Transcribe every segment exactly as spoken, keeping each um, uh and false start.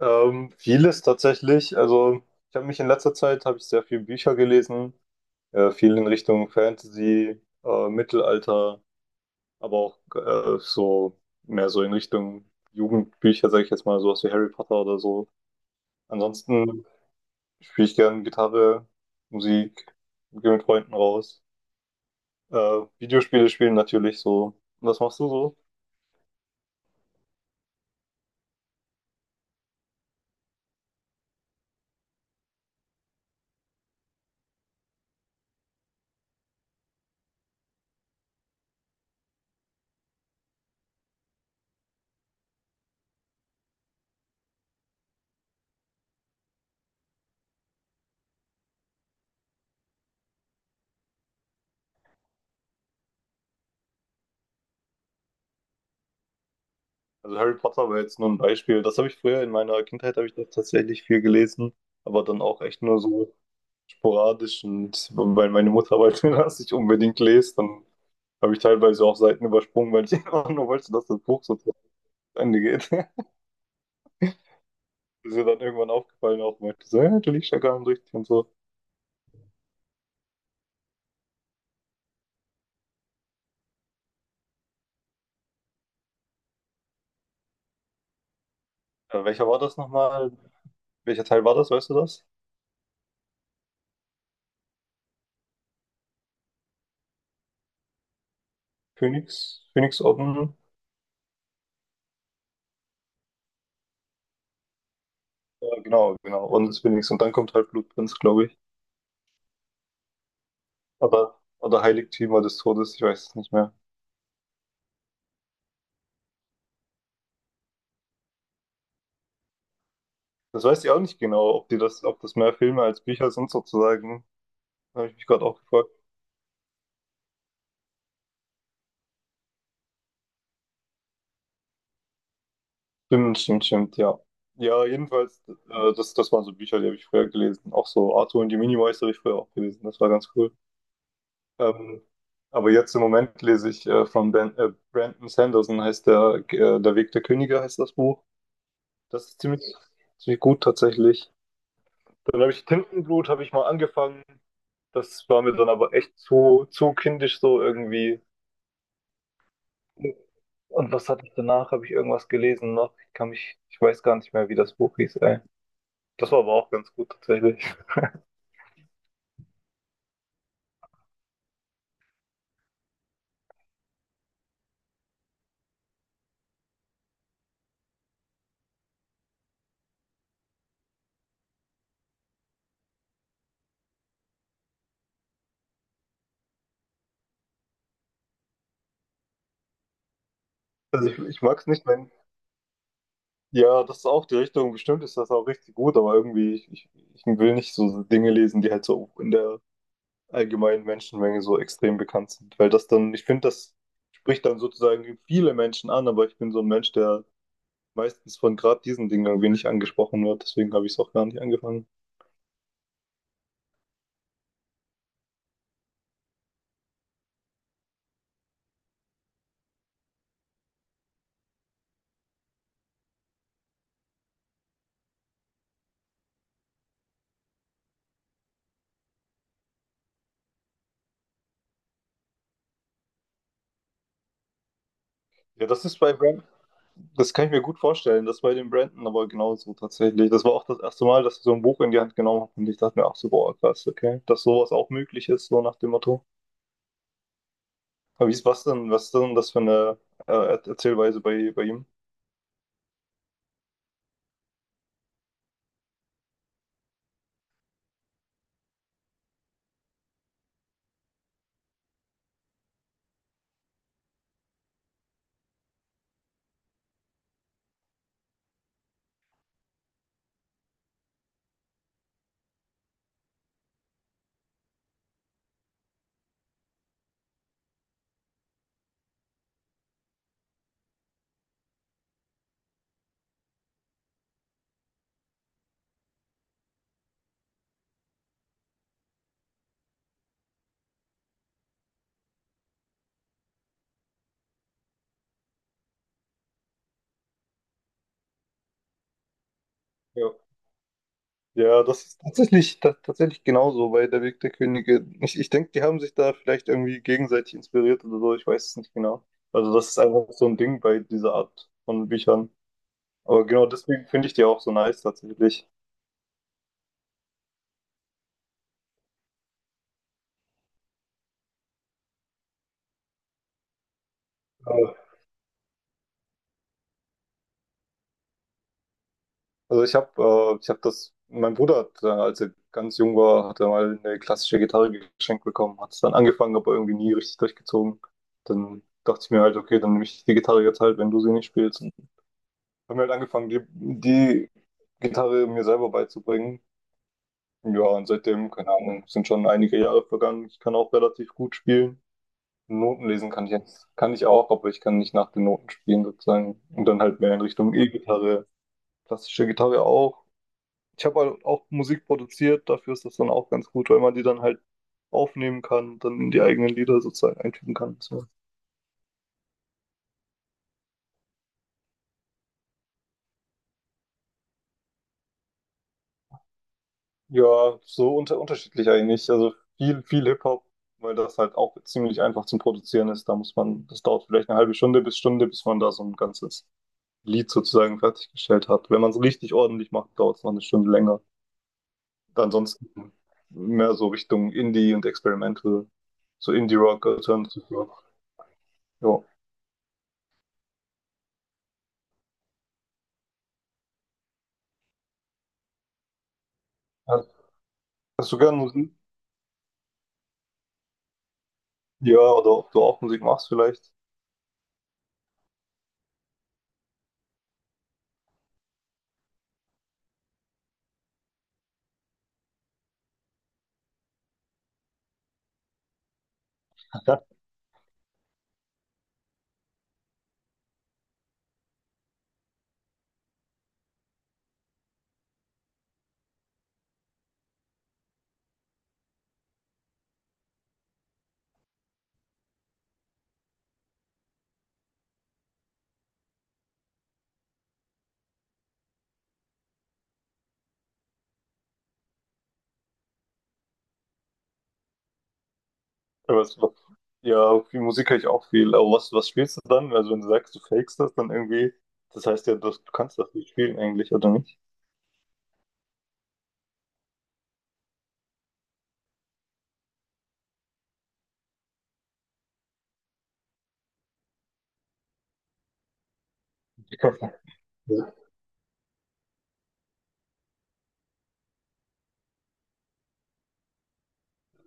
Ähm, vieles tatsächlich. Also ich habe mich in letzter Zeit habe ich sehr viel Bücher gelesen, äh, viel in Richtung Fantasy, äh, Mittelalter, aber auch äh, so mehr so in Richtung Jugendbücher, sage ich jetzt mal, sowas wie Harry Potter oder so. Ansonsten spiele ich gerne Gitarre, Musik, gehe mit Freunden raus. Äh, Videospiele spielen natürlich so. Was machst du so? Also Harry Potter war jetzt nur ein Beispiel. Das habe ich Früher in meiner Kindheit habe ich das tatsächlich viel gelesen, aber dann auch echt nur so sporadisch, und weil meine Mutter wollte, dass ich unbedingt lese, dann habe ich teilweise auch Seiten übersprungen, weil ich einfach nur wollte, dass das Buch so zu Ende geht. Ist ihr dann irgendwann aufgefallen, auch meinte so, ja, du liest ja gar nicht richtig und so. Äh, welcher war das nochmal? Welcher Teil war das, weißt du das? Phoenix? Phoenix Orden? Ja, genau, genau. Orden des Phoenix, und dann kommt halt Blutprinz, glaube ich. Aber, oder Heiligtümer des Todes, ich weiß es nicht mehr. Das weiß ich auch nicht genau, ob die das, ob das mehr Filme als Bücher sind sozusagen. Da habe ich mich gerade auch gefragt. Stimmt, stimmt, stimmt, ja. Ja, jedenfalls, äh, das, das waren so Bücher, die habe ich früher gelesen. Auch so Arthur und die Minimeister habe ich früher auch gelesen. Das war ganz cool. Ähm, aber jetzt im Moment lese ich äh, von ben, äh, Brandon Sanderson, heißt der, äh, Der Weg der Könige heißt das Buch. Das ist ziemlich, ziemlich gut tatsächlich. Dann habe ich Tintenblut, habe ich mal angefangen. Das war mir dann aber echt zu, zu kindisch so irgendwie. Und was hatte ich danach? Habe ich irgendwas gelesen noch? Ich kann mich, ich weiß gar nicht mehr, wie das Buch hieß, ey. Das war aber auch ganz gut tatsächlich. Also ich, ich mag es nicht, wenn. Ja, das ist auch die Richtung, bestimmt ist das auch richtig gut, aber irgendwie, ich, ich, ich will nicht so Dinge lesen, die halt so in der allgemeinen Menschenmenge so extrem bekannt sind. Weil das dann, ich finde, das spricht dann sozusagen viele Menschen an, aber ich bin so ein Mensch, der meistens von gerade diesen Dingen irgendwie nicht angesprochen wird, deswegen habe ich es auch gar nicht angefangen. Ja, das ist bei Brand, das kann ich mir gut vorstellen, das bei den Brandon aber genauso tatsächlich. Das war auch das erste Mal, dass ich so ein Buch in die Hand genommen habe und ich dachte mir, ach so, boah, krass, okay, dass sowas auch möglich ist, so nach dem Motto. Aber wie ist was denn, was ist denn das für eine äh, Er- Erzählweise bei, bei, ihm? Ja. Ja, das ist tatsächlich, ta- tatsächlich genauso bei Der Weg der Könige. Ich, ich denke, die haben sich da vielleicht irgendwie gegenseitig inspiriert oder so, ich weiß es nicht genau. Also das ist einfach so ein Ding bei dieser Art von Büchern. Aber genau deswegen finde ich die auch so nice tatsächlich. Äh, Also ich habe äh, ich hab das, mein Bruder hat, äh, als er ganz jung war, hat er mal eine klassische Gitarre geschenkt bekommen, hat es dann angefangen, aber irgendwie nie richtig durchgezogen. Dann dachte ich mir halt, okay, dann nehme ich die Gitarre jetzt halt, wenn du sie nicht spielst. Und haben wir halt angefangen, die, die Gitarre mir selber beizubringen. Ja, und seitdem, keine Ahnung, sind schon einige Jahre vergangen. Ich kann auch relativ gut spielen. Noten lesen kann ich jetzt, kann ich auch, aber ich kann nicht nach den Noten spielen sozusagen. Und dann halt mehr in Richtung E-Gitarre, klassische Gitarre auch. Ich habe halt auch Musik produziert, dafür ist das dann auch ganz gut, weil man die dann halt aufnehmen kann und dann in die eigenen Lieder sozusagen einfügen kann. So. Ja, so unter unterschiedlich eigentlich. Also viel, viel Hip-Hop, weil das halt auch ziemlich einfach zum Produzieren ist. Da muss man, das dauert vielleicht eine halbe Stunde bis Stunde, bis man da so ein ganzes Lied sozusagen fertiggestellt hat. Wenn man es richtig ordentlich macht, dauert es noch eine Stunde länger. Ansonsten mehr so Richtung Indie und Experimental, so Indie-Rock, Alternative Rock. Ja. Hast du gern Musik? Ja, oder ob du auch Musik machst vielleicht. Aber es- Ja, viel Musik höre ich auch viel. Aber was, was spielst du dann? Also wenn du sagst, du fakest das dann irgendwie, das heißt ja, dass du kannst das nicht spielen eigentlich, oder nicht? Ich kann-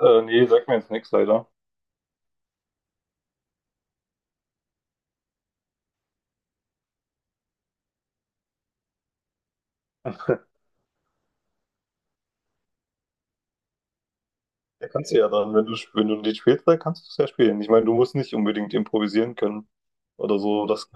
Äh, nee, sag mir jetzt nichts leider. Ja, kannst du ja dann, wenn du, wenn du, ein Lied spielst, dann kannst du es ja spielen. Ich meine, du musst nicht unbedingt improvisieren können oder so. Das,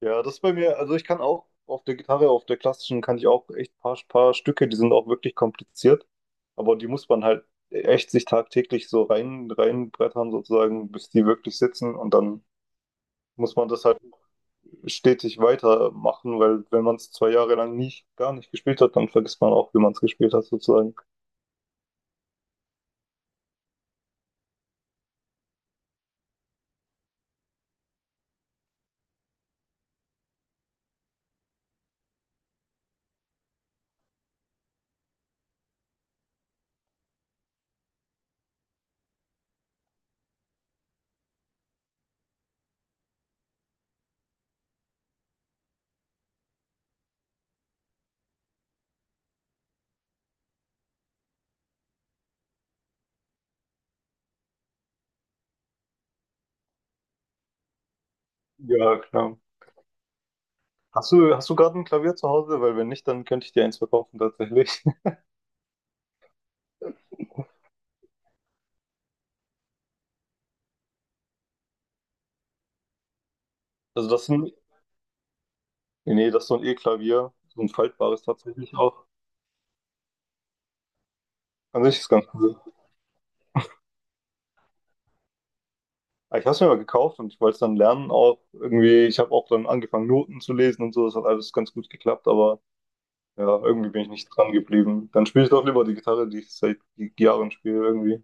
ja, das ist bei mir, also ich kann auch auf der Gitarre, auf der klassischen, kann ich auch echt paar, paar Stücke, die sind auch wirklich kompliziert, aber die muss man halt echt sich tagtäglich so rein, reinbrettern sozusagen, bis die wirklich sitzen, und dann muss man das halt stetig weitermachen, weil wenn man es zwei Jahre lang nicht, gar nicht gespielt hat, dann vergisst man auch, wie man es gespielt hat sozusagen. Ja, klar. Hast du, hast du gerade ein Klavier zu Hause? Weil wenn nicht, dann könnte ich dir eins verkaufen tatsächlich. Also das sind, nee, das ist so ein E-Klavier, so ein faltbares tatsächlich auch. An sich ist ganz cool. Aber Ich habe es mir mal gekauft und ich wollte es dann lernen auch irgendwie. Ich habe auch dann angefangen, Noten zu lesen und so. Das hat alles ganz gut geklappt, aber ja, irgendwie bin ich nicht dran geblieben. Dann spiele ich doch lieber die Gitarre, die ich seit Jahren spiele irgendwie.